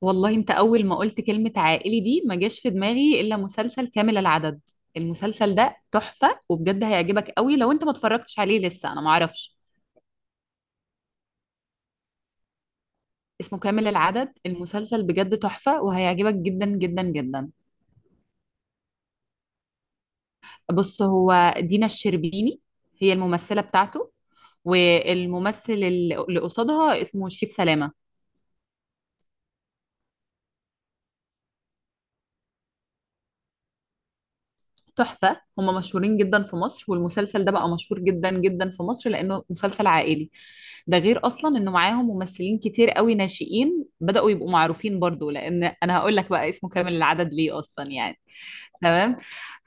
والله انت اول ما قلت كلمة عائلي دي ما جاش في دماغي الا مسلسل كامل العدد. المسلسل ده تحفة وبجد هيعجبك قوي لو انت ما اتفرجتش عليه لسه، انا ما اعرفش. اسمه كامل العدد، المسلسل بجد تحفة وهيعجبك جدا جدا جدا. بص، هو دينا الشربيني هي الممثلة بتاعته، والممثل اللي قصادها اسمه شريف سلامة. تحفة، هم مشهورين جدا في مصر، والمسلسل ده بقى مشهور جدا جدا في مصر لأنه مسلسل عائلي. ده غير أصلا إنه معاهم ممثلين كتير قوي ناشئين بدأوا يبقوا معروفين برضو. لأن أنا هقول لك بقى اسمه كامل العدد ليه أصلا يعني. تمام.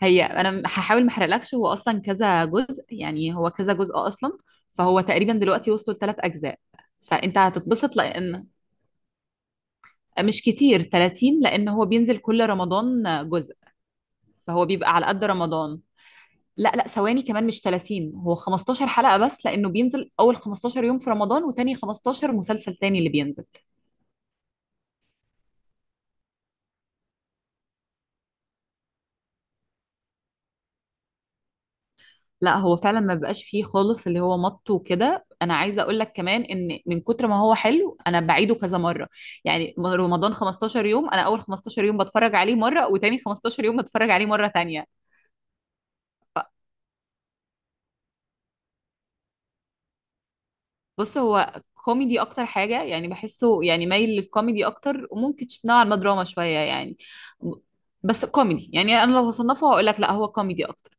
هي أنا هحاول ما أحرقلكش. هو أصلا كذا جزء يعني، هو كذا جزء أصلا. فهو تقريبا دلوقتي وصلوا لثلاث أجزاء، فأنت هتتبسط. لأن مش كتير 30، لأن هو بينزل كل رمضان جزء، فهو بيبقى على قد رمضان. لا لا، ثواني، كمان مش 30، هو 15 حلقة بس، لأنه بينزل أول 15 يوم في رمضان، وتاني 15 مسلسل تاني اللي بينزل. لا هو فعلا ما بقاش فيه خالص اللي هو مط وكده. أنا عايزة أقول لك كمان إن من كتر ما هو حلو أنا بعيده كذا مرة، يعني رمضان 15 يوم، أنا أول 15 يوم بتفرج عليه مرة، وتاني 15 يوم بتفرج عليه مرة تانية. بص هو كوميدي أكتر حاجة، يعني بحسه يعني مايل للكوميدي أكتر، وممكن نوعا ما دراما شوية يعني، بس كوميدي. يعني أنا لو هصنفه هقول لك لا، هو كوميدي أكتر.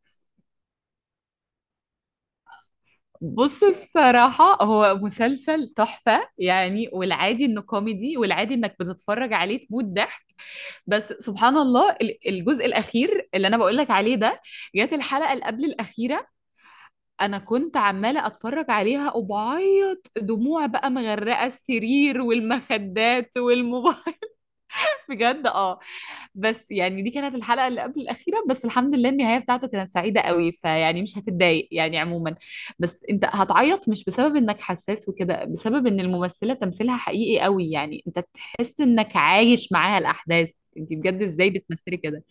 بص الصراحة هو مسلسل تحفة يعني، والعادي انه كوميدي، والعادي انك بتتفرج عليه تموت ضحك. بس سبحان الله الجزء الأخير اللي أنا بقولك عليه ده، جت الحلقة اللي قبل الأخيرة أنا كنت عمالة أتفرج عليها وبعيط دموع بقى مغرقة السرير والمخدات والموبايل. بجد اه. بس يعني دي كانت الحلقة اللي قبل الأخيرة بس، الحمد لله النهاية بتاعته كانت سعيدة قوي، فيعني مش هتتضايق يعني عموما. بس انت هتعيط مش بسبب انك حساس وكده، بسبب ان الممثلة تمثيلها حقيقي قوي، يعني انت تحس انك عايش معاها الأحداث. انت بجد ازاي بتمثلي كده.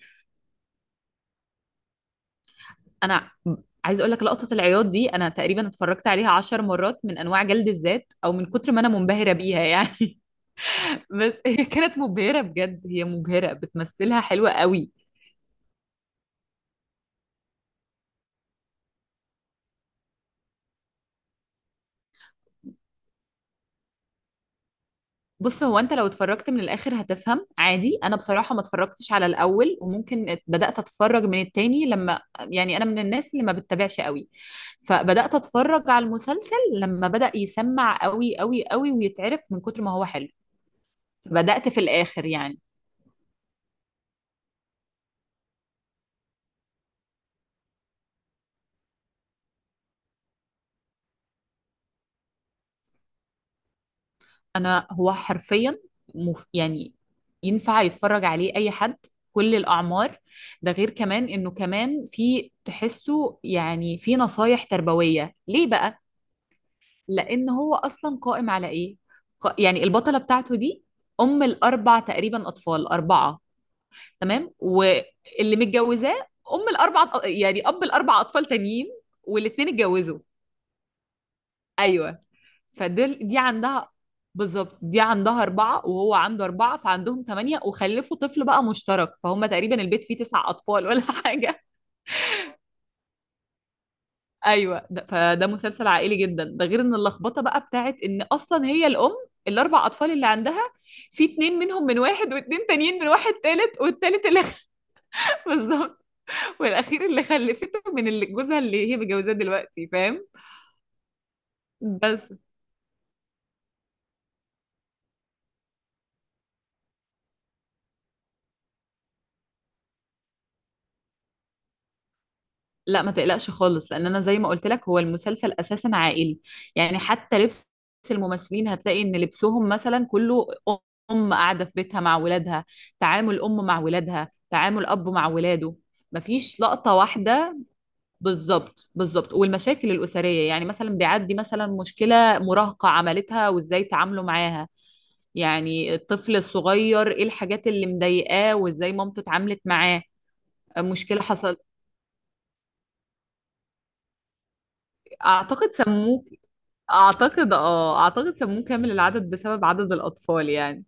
انا عايز اقول لك لقطة العياط دي انا تقريبا اتفرجت عليها عشر مرات، من انواع جلد الذات او من كتر ما انا منبهرة بيها يعني. بس هي كانت مبهرة بجد، هي مبهرة، بتمثلها حلوة قوي. بص هو انت لو اتفرجت من الاخر هتفهم عادي. انا بصراحه ما اتفرجتش على الاول، وممكن بدات اتفرج من التاني لما، يعني انا من الناس اللي ما بتتابعش قوي، فبدات اتفرج على المسلسل لما بدا يسمع قوي قوي قوي ويتعرف من كتر ما هو حلو، فبدات في الاخر يعني. انا هو حرفيا يعني ينفع يتفرج عليه اي حد، كل الاعمار. ده غير كمان انه كمان في تحسه يعني في نصايح تربويه ليه بقى. لان هو اصلا قائم على ايه، يعني البطله بتاعته دي ام الاربع تقريبا اطفال، اربعه، تمام، واللي متجوزاه ام الاربع يعني اب الاربع اطفال تانيين، والاتنين اتجوزوا. ايوه، فدول دي عندها، بالظبط دي عندها أربعة وهو عنده أربعة، فعندهم ثمانية، وخلفوا طفل بقى مشترك، فهم تقريبا البيت فيه تسع أطفال ولا حاجة. ايوه ده، فده مسلسل عائلي جدا. ده غير ان اللخبطه بقى بتاعت ان اصلا هي الام الاربع اطفال اللي عندها، في اتنين منهم من واحد، واتنين تانيين من واحد تالت، والتالت اللي بالظبط، والاخير اللي خلفته من اللي جوزها اللي هي متجوزاه دلوقتي، فاهم. بس لا ما تقلقش خالص، لان انا زي ما قلت لك هو المسلسل اساسا عائلي، يعني حتى لبس الممثلين هتلاقي ان لبسهم مثلا كله ام قاعده في بيتها مع ولادها، تعامل ام مع ولادها، تعامل اب مع ولاده. مفيش لقطه واحده. بالظبط بالظبط، والمشاكل الاسريه، يعني مثلا بيعدي مثلا مشكله مراهقه عملتها وازاي تعاملوا معاها، يعني الطفل الصغير ايه الحاجات اللي مضايقاه وازاي مامته اتعاملت معاه. مشكله حصل. اعتقد سموه، اعتقد اه، اعتقد سموه كامل العدد بسبب عدد الاطفال يعني.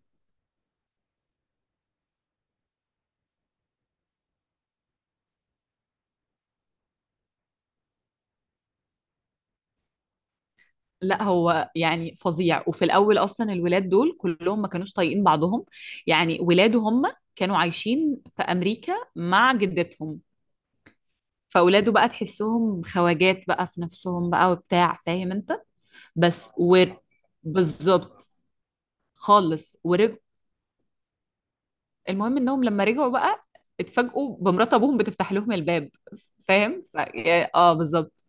لا هو يعني فظيع، وفي الاول اصلا الولاد دول كلهم ما كانوش طايقين بعضهم، يعني ولاده هم كانوا عايشين في امريكا مع جدتهم، فاولاده بقى تحسهم خواجات بقى في نفسهم بقى وبتاع، فاهم انت. بس و بالظبط خالص ورجعوا. المهم انهم لما رجعوا بقى اتفاجئوا بمرات ابوهم بتفتح لهم الباب، فاهم اه بالظبط.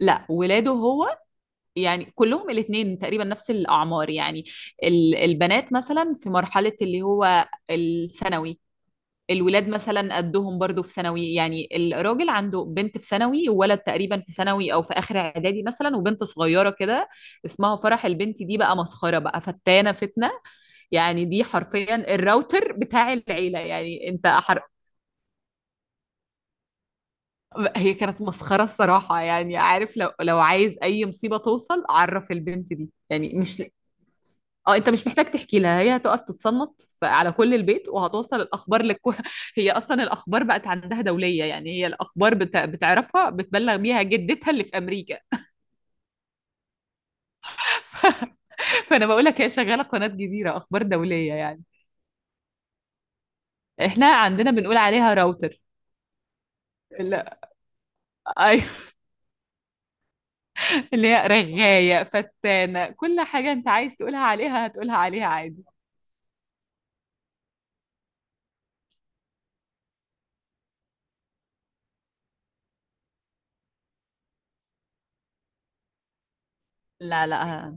لا ولاده هو يعني كلهم الاثنين تقريبا نفس الأعمار، يعني البنات مثلا في مرحلة اللي هو الثانوي، الولاد مثلا قدهم برضو في ثانوي، يعني الراجل عنده بنت في ثانوي وولد تقريبا في ثانوي او في اخر اعدادي مثلا وبنت صغيره كده اسمها فرح. البنت دي بقى مسخره بقى، فتانه فتنه، يعني دي حرفيا الراوتر بتاع العيله، يعني انت هي كانت مسخره الصراحه. يعني عارف لو عايز اي مصيبه توصل، عرف البنت دي يعني، مش اه، انت مش محتاج تحكي لها، هي هتقف تتصنت على كل البيت وهتوصل الاخبار لكل هي اصلا الاخبار بقت عندها دوليه يعني، هي الاخبار بتعرفها، بتبلغ بيها جدتها اللي في امريكا. فانا بقول لك هي شغاله قناه جزيره اخبار دوليه يعني. احنا عندنا بنقول عليها راوتر. لا، ايوه، اللي هي رغايه فتانه، كل حاجه انت عايز تقولها عليها هتقولها عليها عادي. لا لا،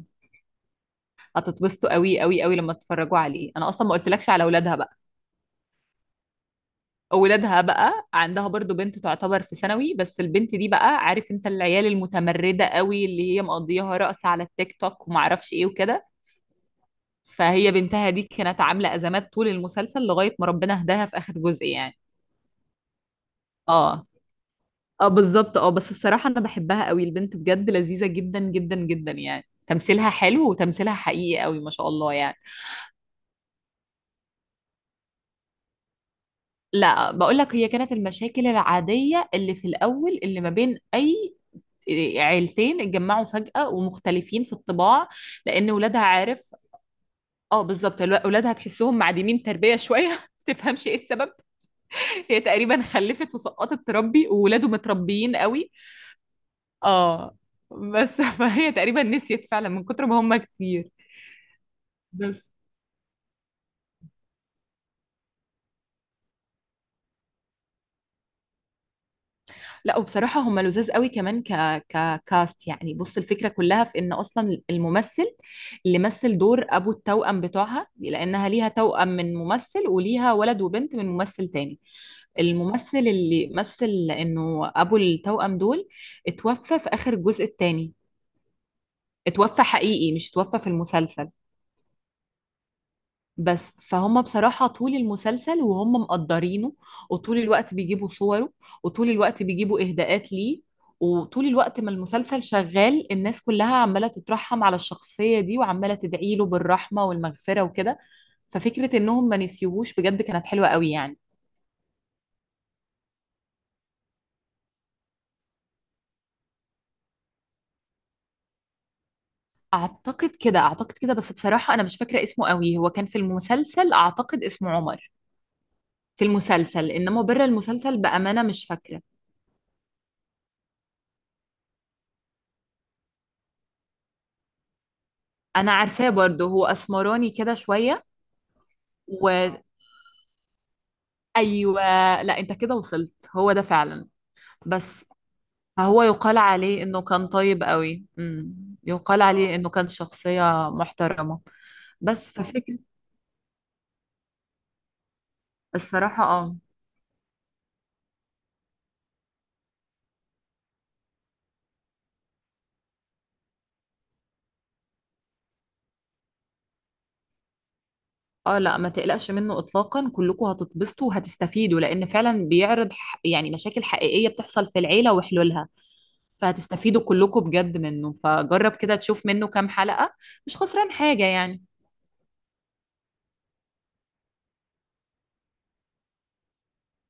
هتتبسطوا قوي قوي قوي لما تتفرجوا عليه. انا اصلا ما قلتلكش على اولادها. ولادها بقى عندها برضو بنت تعتبر في ثانوي، بس البنت دي بقى عارف انت العيال المتمردة قوي، اللي هي مقضياها رقص على التيك توك ومعرفش ايه وكده. فهي بنتها دي كانت عاملة أزمات طول المسلسل لغاية ما ربنا هداها في آخر جزء يعني. اه اه بالظبط اه، بس بصراحة أنا بحبها قوي البنت، بجد لذيذة جدا جدا جدا، يعني تمثيلها حلو وتمثيلها حقيقي قوي ما شاء الله يعني. لا بقول لك هي كانت المشاكل العادية اللي في الأول اللي ما بين أي عيلتين اتجمعوا فجأة ومختلفين في الطباع. لأن ولادها عارف، اه بالظبط، ولادها تحسهم معدمين تربية شوية تفهمش ايه السبب. هي تقريبا خلفت وسقطت تربي، وولاده متربيين قوي. اه، بس فهي تقريبا نسيت فعلا من كتر ما هم كتير. بس لا، وبصراحة هم لذاذ قوي كمان ككاست يعني. بص الفكرة كلها في ان اصلا الممثل اللي مثل دور ابو التوأم بتوعها، لانها ليها توأم من ممثل وليها ولد وبنت من ممثل تاني، الممثل اللي مثل انه ابو التوأم دول اتوفى في اخر الجزء الثاني. اتوفى حقيقي مش اتوفى في المسلسل. بس فهم بصراحة طول المسلسل وهم مقدرينه، وطول الوقت بيجيبوا صوره، وطول الوقت بيجيبوا إهداءات ليه، وطول الوقت ما المسلسل شغال الناس كلها عمالة تترحم على الشخصية دي وعمالة تدعي له بالرحمة والمغفرة وكده. ففكرة انهم ما نسيوهوش بجد كانت حلوة قوي يعني. اعتقد كده، اعتقد كده، بس بصراحة انا مش فاكرة اسمه قوي. هو كان في المسلسل اعتقد اسمه عمر، في المسلسل، انما بره المسلسل بأمانة مش فاكرة. انا عارفاه برضه، هو اسمراني كده شوية، وايوه لا انت كده وصلت، هو ده فعلا. بس هو يقال عليه انه كان طيب قوي امم، يقال عليه انه كان شخصية محترمة. بس ففكرة الصراحة اه، اه لا ما تقلقش منه اطلاقا، كلكم هتتبسطوا وهتستفيدوا، لان فعلا بيعرض يعني مشاكل حقيقية بتحصل في العيلة وحلولها، فهتستفيدوا كلكم بجد منه. فجرب كده تشوف منه كام حلقة، مش خسران حاجة يعني.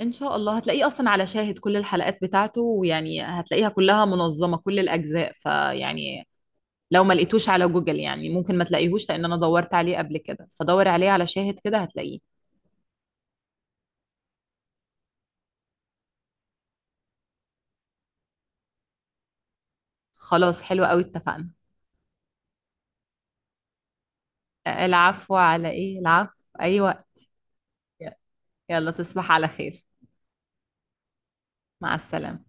ان شاء الله هتلاقيه اصلا على شاهد كل الحلقات بتاعته، ويعني هتلاقيها كلها منظمة كل الاجزاء فيعني، لو ما لقيتوش على جوجل يعني ممكن ما تلاقيهوش، لان انا دورت عليه قبل كده، فدور عليه على شاهد كده هتلاقيه. خلاص حلو قوي، اتفقنا. العفو، على ايه العفو. ايوه، يلا تصبح على خير. مع السلامة.